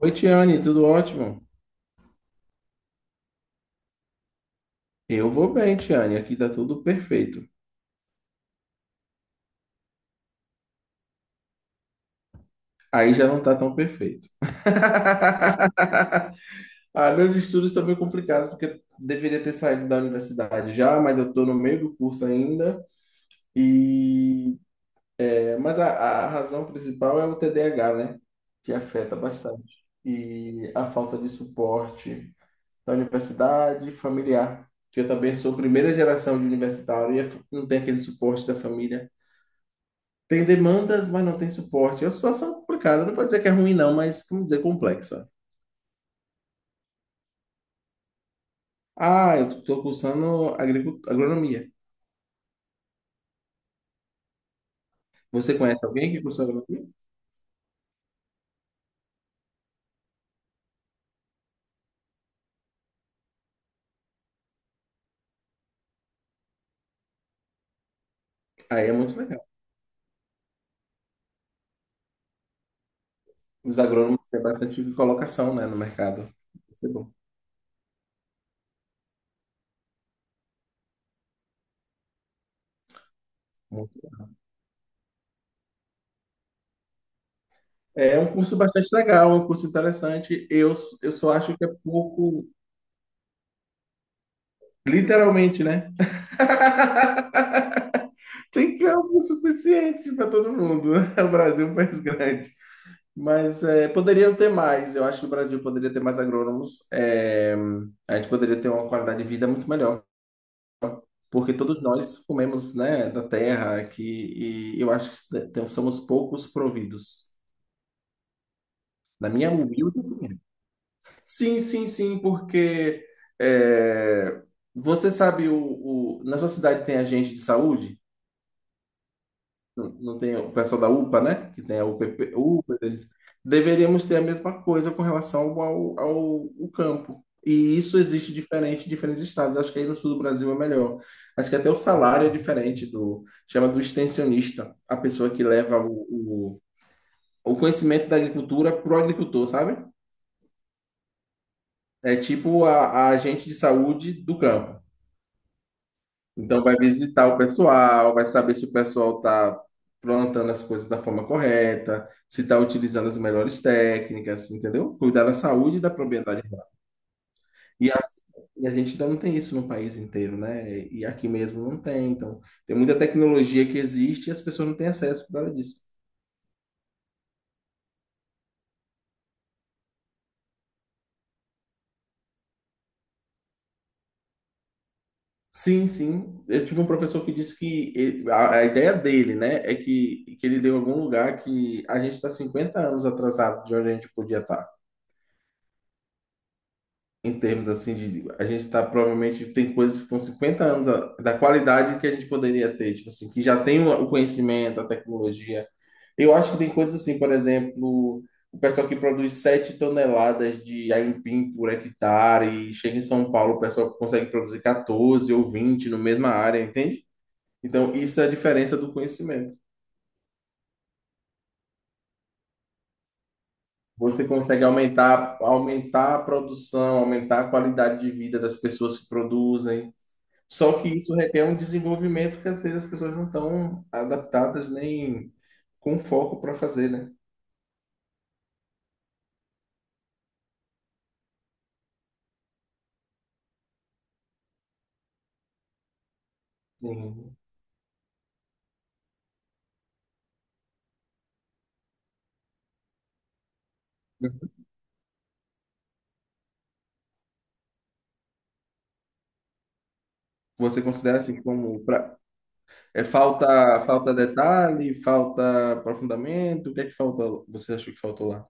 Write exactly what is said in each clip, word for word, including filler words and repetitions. Oi, Tiane, tudo ótimo? Eu vou bem, Tiane, aqui tá tudo perfeito. Aí já não tá tão perfeito. Ah, meus estudos estão meio complicados, porque eu deveria ter saído da universidade já, mas eu tô no meio do curso ainda. E... é, mas a, a razão principal é o T D A H, né? Que afeta bastante. E a falta de suporte da universidade familiar. Que eu também sou primeira geração de universitário e não tem aquele suporte da família. Tem demandas, mas não tem suporte. É uma situação complicada. Não pode dizer que é ruim, não, mas vamos dizer complexa. Ah, eu estou cursando agricu- agronomia. Você conhece alguém que cursou agronomia? Aí é muito legal. Os agrônomos têm bastante colocação, né, no mercado. Isso é bom. Muito bom. É um curso bastante legal, é um curso interessante. Eu, eu só acho que é pouco, literalmente, né? Tem campo suficiente para todo mundo, né? O Brasil é um país grande. Mas é, poderiam ter mais. Eu acho que o Brasil poderia ter mais agrônomos. É, a gente poderia ter uma qualidade de vida muito melhor, porque todos nós comemos, né, da terra aqui, e eu acho que tem- somos poucos providos. Na minha humilde opinião. Sim, sim, sim, porque é, você sabe, o, o- na sua cidade tem agente de saúde? Não, não tem o pessoal da UPA, né? Que tem a U P P, UPA, eles deveríamos ter a mesma coisa com relação ao, ao, ao campo. E isso existe diferente em diferentes estados. Acho que aí no sul do Brasil é melhor. Acho que até o salário é diferente do, chama do extensionista, a pessoa que leva o, o, o conhecimento da agricultura para o agricultor, sabe? É tipo a, a agente de saúde do campo. Então vai visitar o pessoal, vai saber se o pessoal está plantando as coisas da forma correta, se está utilizando as melhores técnicas, entendeu? Cuidar da saúde e da propriedade. E a, e a gente ainda não tem isso no país inteiro, né? E aqui mesmo não tem. Então, tem muita tecnologia que existe e as pessoas não têm acesso por causa disso. Sim, sim. Eu tive um professor que disse que ele- a, a ideia dele, né, é que, que ele deu algum lugar que a gente está cinquenta anos atrasado de onde a gente podia estar. Em termos assim de a gente tá provavelmente tem coisas que estão cinquenta anos a- da qualidade que a gente poderia ter, tipo assim, que já tem o o conhecimento, a tecnologia. Eu acho que tem coisas assim, por exemplo, o pessoal que produz sete toneladas de aipim por hectare e chega em São Paulo, o pessoal consegue produzir quatorze ou vinte na mesma área, entende? Então, isso é a diferença do conhecimento. Você consegue aumentar, aumentar, a produção, aumentar a qualidade de vida das pessoas que produzem. Só que isso requer um desenvolvimento que às vezes as pessoas não estão adaptadas nem com foco para fazer, né? Sim. Você considera assim como pra... é falta falta detalhe, falta aprofundamento? O que é que falta? Você achou que faltou lá?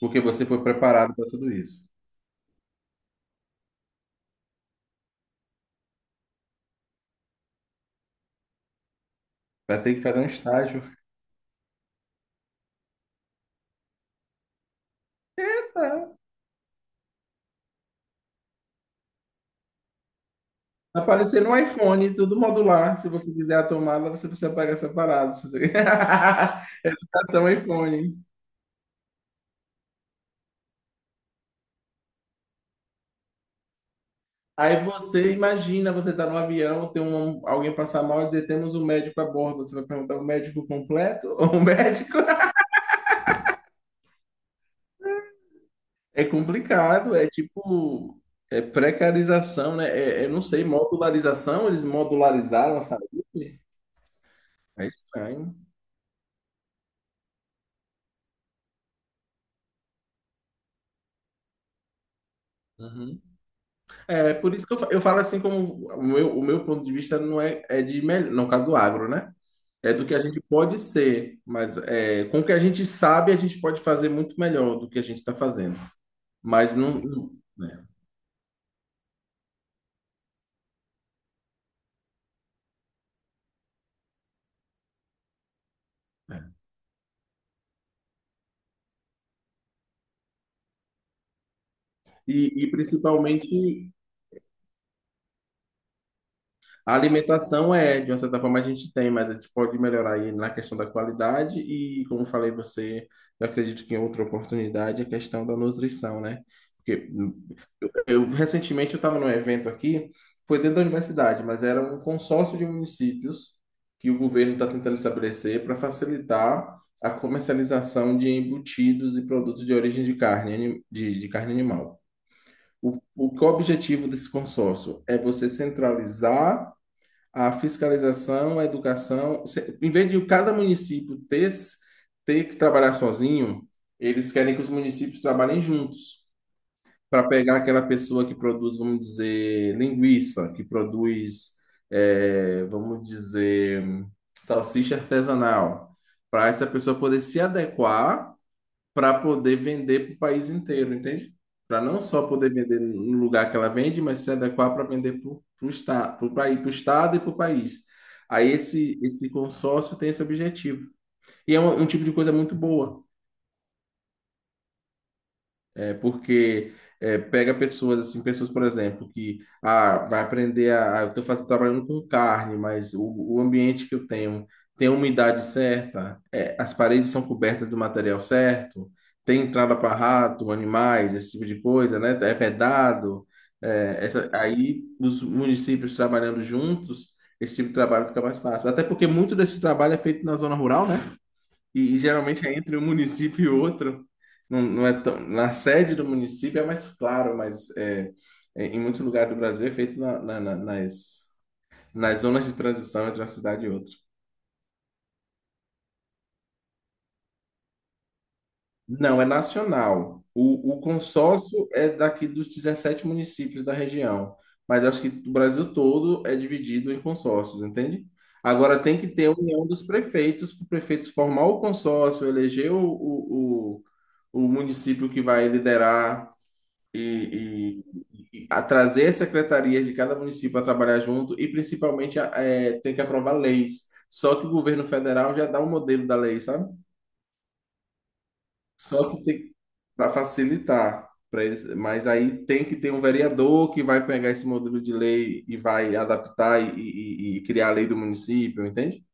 Porque você foi preparado para tudo isso. Vai ter que fazer um estágio. Vai aparecer um iPhone, tudo modular. Se você quiser a tomada, você precisa pagar separado. Se você... Educação iPhone. Aí você imagina, você tá no avião, tem um, alguém passar mal e dizer, temos um médico a bordo. Você vai perguntar o médico completo ou o médico? É complicado, é tipo, é precarização, né? É, é, não sei, modularização, eles modularizaram a saúde? É estranho. Uhum. É, por isso que eu, fa- eu falo assim como o meu, o meu ponto de vista não é, é de melhor, no caso do agro, né? É do que a gente pode ser, mas é, com o que a gente sabe, a gente pode fazer muito melhor do que a gente está fazendo. Mas não. não- né, é. E, e principalmente a alimentação é, de uma certa forma, a gente tem, mas a gente pode melhorar aí na questão da qualidade e, como falei você, eu acredito que em outra oportunidade, a questão da nutrição, né? Porque eu recentemente eu estava num evento aqui, foi dentro da universidade, mas era um consórcio de municípios que o governo está tentando estabelecer para facilitar a comercialização de embutidos e produtos de origem de carne, anim- de de carne animal. O, o que é o objetivo desse consórcio? É você centralizar a fiscalização, a educação. Se- Em vez de cada município ter, ter que trabalhar sozinho, eles querem que os municípios trabalhem juntos para pegar aquela pessoa que produz, vamos dizer, linguiça, que produz, eh, vamos dizer, salsicha artesanal, para essa pessoa poder se adequar para poder vender para o país inteiro, entende? Para não só poder vender no lugar que ela vende, mas se adequar para vender para o estado, para o país, pro estado e para o país. Aí esse, esse consórcio tem esse objetivo. E é um, um tipo de coisa muito boa. É, porque é, pega pessoas assim, pessoas, por exemplo, que ah, vai aprender a, ah, eu estou fazendo trabalhando com carne, mas o, o ambiente que eu tenho tem a umidade certa, é, as paredes são cobertas do material certo, tem entrada para rato, animais, esse tipo de coisa, né? É vedado. É, essa, aí os municípios trabalhando juntos, esse tipo de trabalho fica mais fácil. Até porque muito desse trabalho é feito na zona rural, né? E, e geralmente é entre um município e outro. Não, não é tão. Na sede do município é mais claro, mas é, é- em muitos lugares do Brasil é feito na- na- na- nas, nas zonas de transição entre uma cidade e outra. Não, é nacional. O, o consórcio é daqui dos dezessete municípios da região, mas acho que o Brasil todo é dividido em consórcios, entende? Agora tem que ter a união dos prefeitos, para o prefeito formar o consórcio, eleger o, o, o, o município que vai liderar e, e, a trazer as secretarias de cada município para trabalhar junto e principalmente a- é, tem que aprovar leis. Só que o governo federal já dá um modelo da lei, sabe? Só que tem para facilitar para eles, mas aí tem que ter um vereador que vai pegar esse modelo de lei e vai adaptar e, e- e criar a lei do município, entende?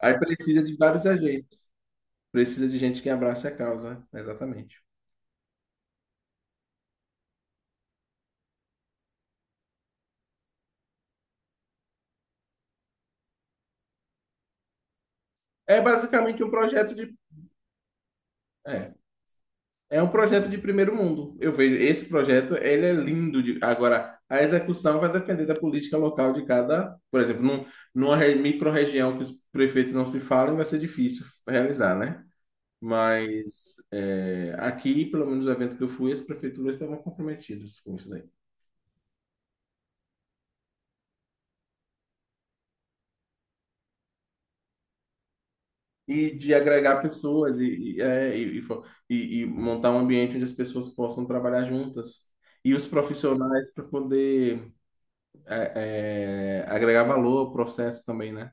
Aí precisa de vários agentes, precisa de gente que abrace a causa, exatamente. É basicamente um projeto de, é, É um projeto de primeiro mundo. Eu vejo esse projeto, ele é lindo. De... Agora, a execução vai depender da política local de cada, por exemplo, num, numa re- micro-região que os prefeitos não se falam, vai ser difícil realizar, né? Mas é, aqui, pelo menos no evento que eu fui, as prefeituras estavam comprometidas com isso daí. E de agregar pessoas e, e, é, e, e fo- e- e montar um ambiente onde as pessoas possam trabalhar juntas. E os profissionais para poder é, é, agregar valor ao processo também, né?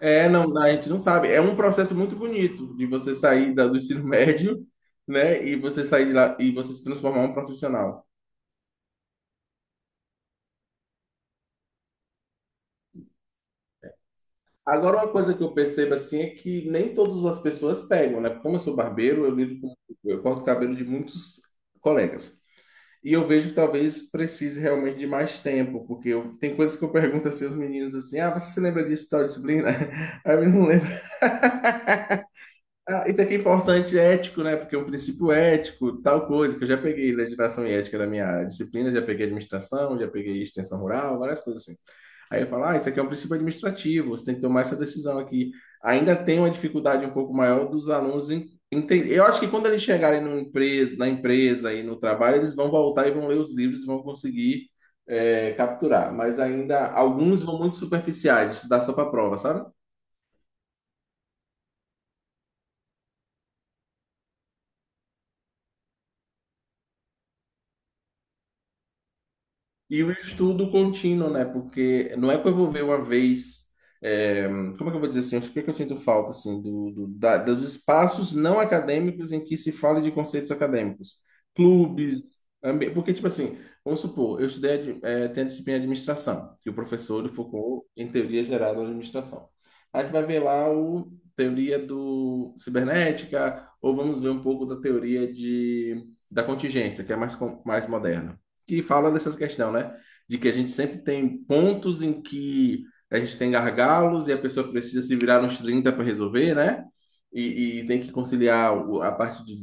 É, não, a gente não sabe. É um processo muito bonito de você sair da- do ensino médio, né? E você sair de lá e você se transformar em um profissional. Agora, uma coisa que eu percebo assim é que nem todas as pessoas pegam, né? Como eu sou barbeiro, eu lido com, eu corto o cabelo de muitos colegas. E eu vejo que talvez precise realmente de mais tempo, porque eu, tem coisas que eu pergunto assim aos meninos assim: ah, você se lembra disso, tal disciplina? Aí eu não Ah, isso aqui é importante, é ético, né? Porque o princípio ético, tal coisa, que eu já peguei legislação e ética da minha disciplina, já peguei administração, já peguei extensão rural, várias coisas assim. Aí eu falo, ah, isso aqui é um princípio administrativo, você tem que tomar essa decisão aqui. Ainda tem uma dificuldade um pouco maior dos alunos em entender. Eu acho que quando eles chegarem numa empresa, na empresa e no trabalho, eles vão voltar e vão ler os livros e vão conseguir eh, capturar. Mas ainda, alguns vão muito superficiais, estudar só para prova, sabe? E o estudo contínuo, né? Porque não é que eu vou ver uma vez. é, Como é que eu vou dizer assim? O que é que eu sinto falta, assim, do, do- da- dos espaços não acadêmicos em que se fala de conceitos acadêmicos. Clubes, ambi- porque, tipo assim, vamos supor, eu estudei, admi- é, tem a disciplina de administração, que o professor ele focou em teoria geral da administração. A gente vai ver lá o teoria do cibernética, ou vamos ver um pouco da teoria de, da contingência, que é mais, com- mais moderna que fala dessas questões, né? De que a gente sempre tem pontos em que a gente tem gargalos e a pessoa precisa se virar nos trinta para resolver, né? E, e tem que conciliar o- a parte de-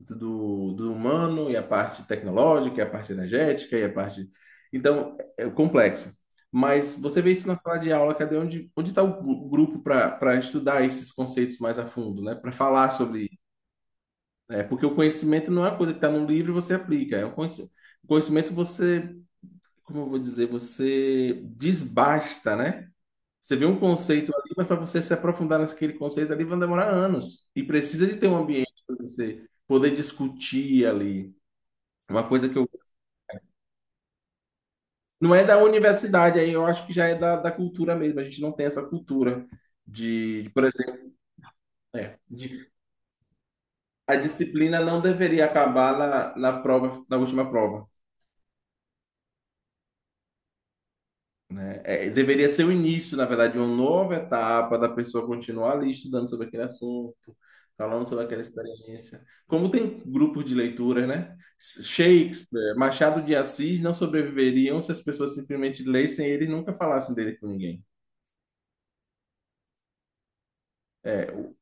do, do humano e a parte tecnológica, e a parte energética e a parte. Então, é complexo. Mas você vê isso na sala de aula, cadê onde onde está o gru- grupo para estudar esses conceitos mais a fundo, né? Para falar sobre isso, né? Porque o conhecimento não é uma coisa que está no livro e você aplica, é um conhecimento. O conhecimento, você, como eu vou dizer, você desbasta, né? Você vê um conceito ali, mas para você se aprofundar naquele conceito ali, vai demorar anos. E precisa de ter um ambiente para você poder discutir ali. Uma coisa que eu. Não é da universidade, aí eu acho que já é da, da cultura mesmo. A gente não tem essa cultura de, de, por exemplo, é, de- a disciplina não deveria acabar na, na prova, na última prova. Né? É, deveria ser o início, na verdade, de uma nova etapa da pessoa continuar ali estudando sobre aquele assunto, falando sobre aquela experiência. Como tem grupos de leituras, né? Shakespeare, Machado de Assis não sobreviveriam se as pessoas simplesmente lessem ele e nunca falassem dele com ninguém. É.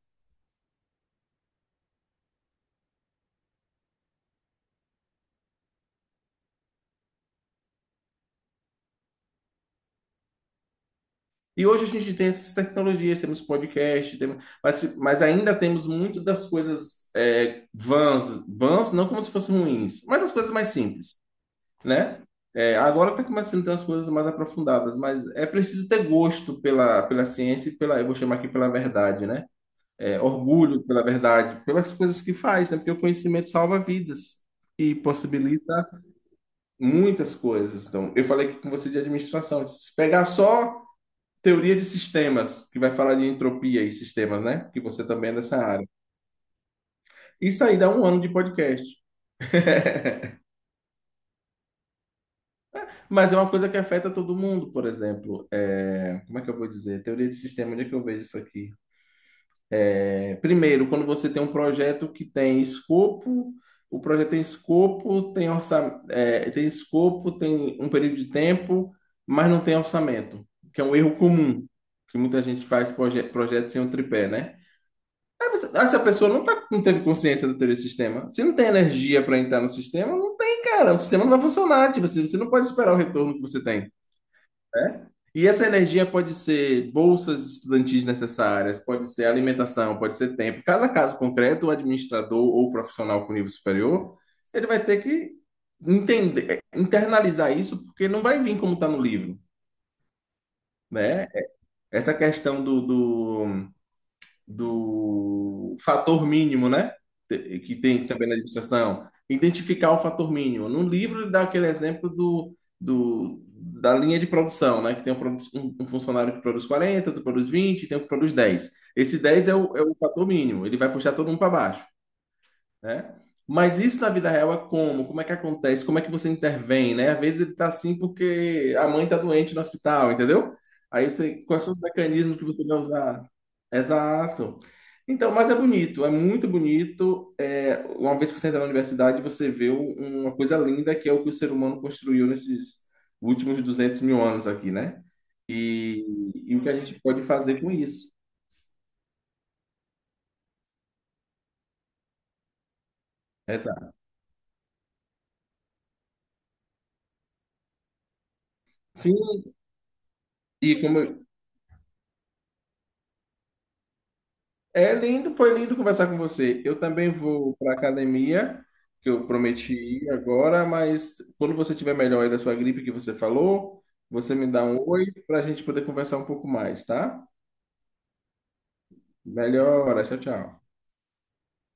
E hoje a gente tem essas tecnologias, temos podcast, temos, mas, se- mas ainda temos muito das coisas é, vãs, vãs não como se fossem ruins, mas das coisas mais simples. Né? É, agora está começando a ter umas coisas mais aprofundadas, mas é preciso ter gosto pela, pela ciência e pela, eu vou chamar aqui pela verdade, né? É, orgulho pela verdade, pelas coisas que faz, né? Porque o conhecimento salva vidas e possibilita muitas coisas. Então, eu falei aqui com você de administração, se pegar só teoria de sistemas, que vai falar de entropia e sistemas, né? Que você também é dessa área. Isso aí dá um ano de podcast. Mas é uma coisa que afeta todo mundo, por exemplo. É, como é que eu vou dizer? Teoria de sistema, onde é que eu vejo isso aqui? É, primeiro, quando você tem um projeto que tem escopo, o projeto tem escopo, tem orçamento, tem escopo, tem um período de tempo, mas não tem orçamento, que é um erro comum, que muita gente faz proje projeto sem um tripé, né? Aí você- aí Essa pessoa não, tá, não teve consciência da teoria de sistema. Se não tem energia para entrar no sistema, não tem, cara. O sistema não vai funcionar. Tipo, assim, você não pode esperar o retorno que você tem, né? E essa energia pode ser bolsas estudantis necessárias, pode ser alimentação, pode ser tempo. Cada caso concreto, o administrador ou profissional com nível superior, ele vai ter que entender, internalizar isso, porque não vai vir como está no livro, né? Essa questão do, do do fator mínimo, né? Te- Que tem também na administração. Identificar o fator mínimo. No livro ele dá aquele exemplo do, do, da linha de produção, né? Que tem um, produ- um- um funcionário que produz quarenta, outro produz vinte, tem um que produz dez. Esse dez é o, é o, fator mínimo, ele vai puxar todo mundo para baixo, né? Mas isso na vida real é como? Como é que acontece? Como é que você intervém, né? Às vezes ele tá assim porque a mãe tá doente no hospital, entendeu? Aí você, quais são os mecanismos que você vai usar? Exato. Então, mas é bonito, é muito bonito. É, uma vez que você entra na universidade, você vê um- uma coisa linda que é o que o ser humano construiu nesses últimos duzentos mil anos aqui, né? E, e o que a gente pode fazer com isso. Exato. Sim, e como, é lindo, foi lindo conversar com você. Eu também vou para academia, que eu prometi ir agora, mas quando você tiver melhor aí da sua gripe que você falou, você me dá um oi para a gente poder conversar um pouco mais, tá? Melhora, tchau, tchau.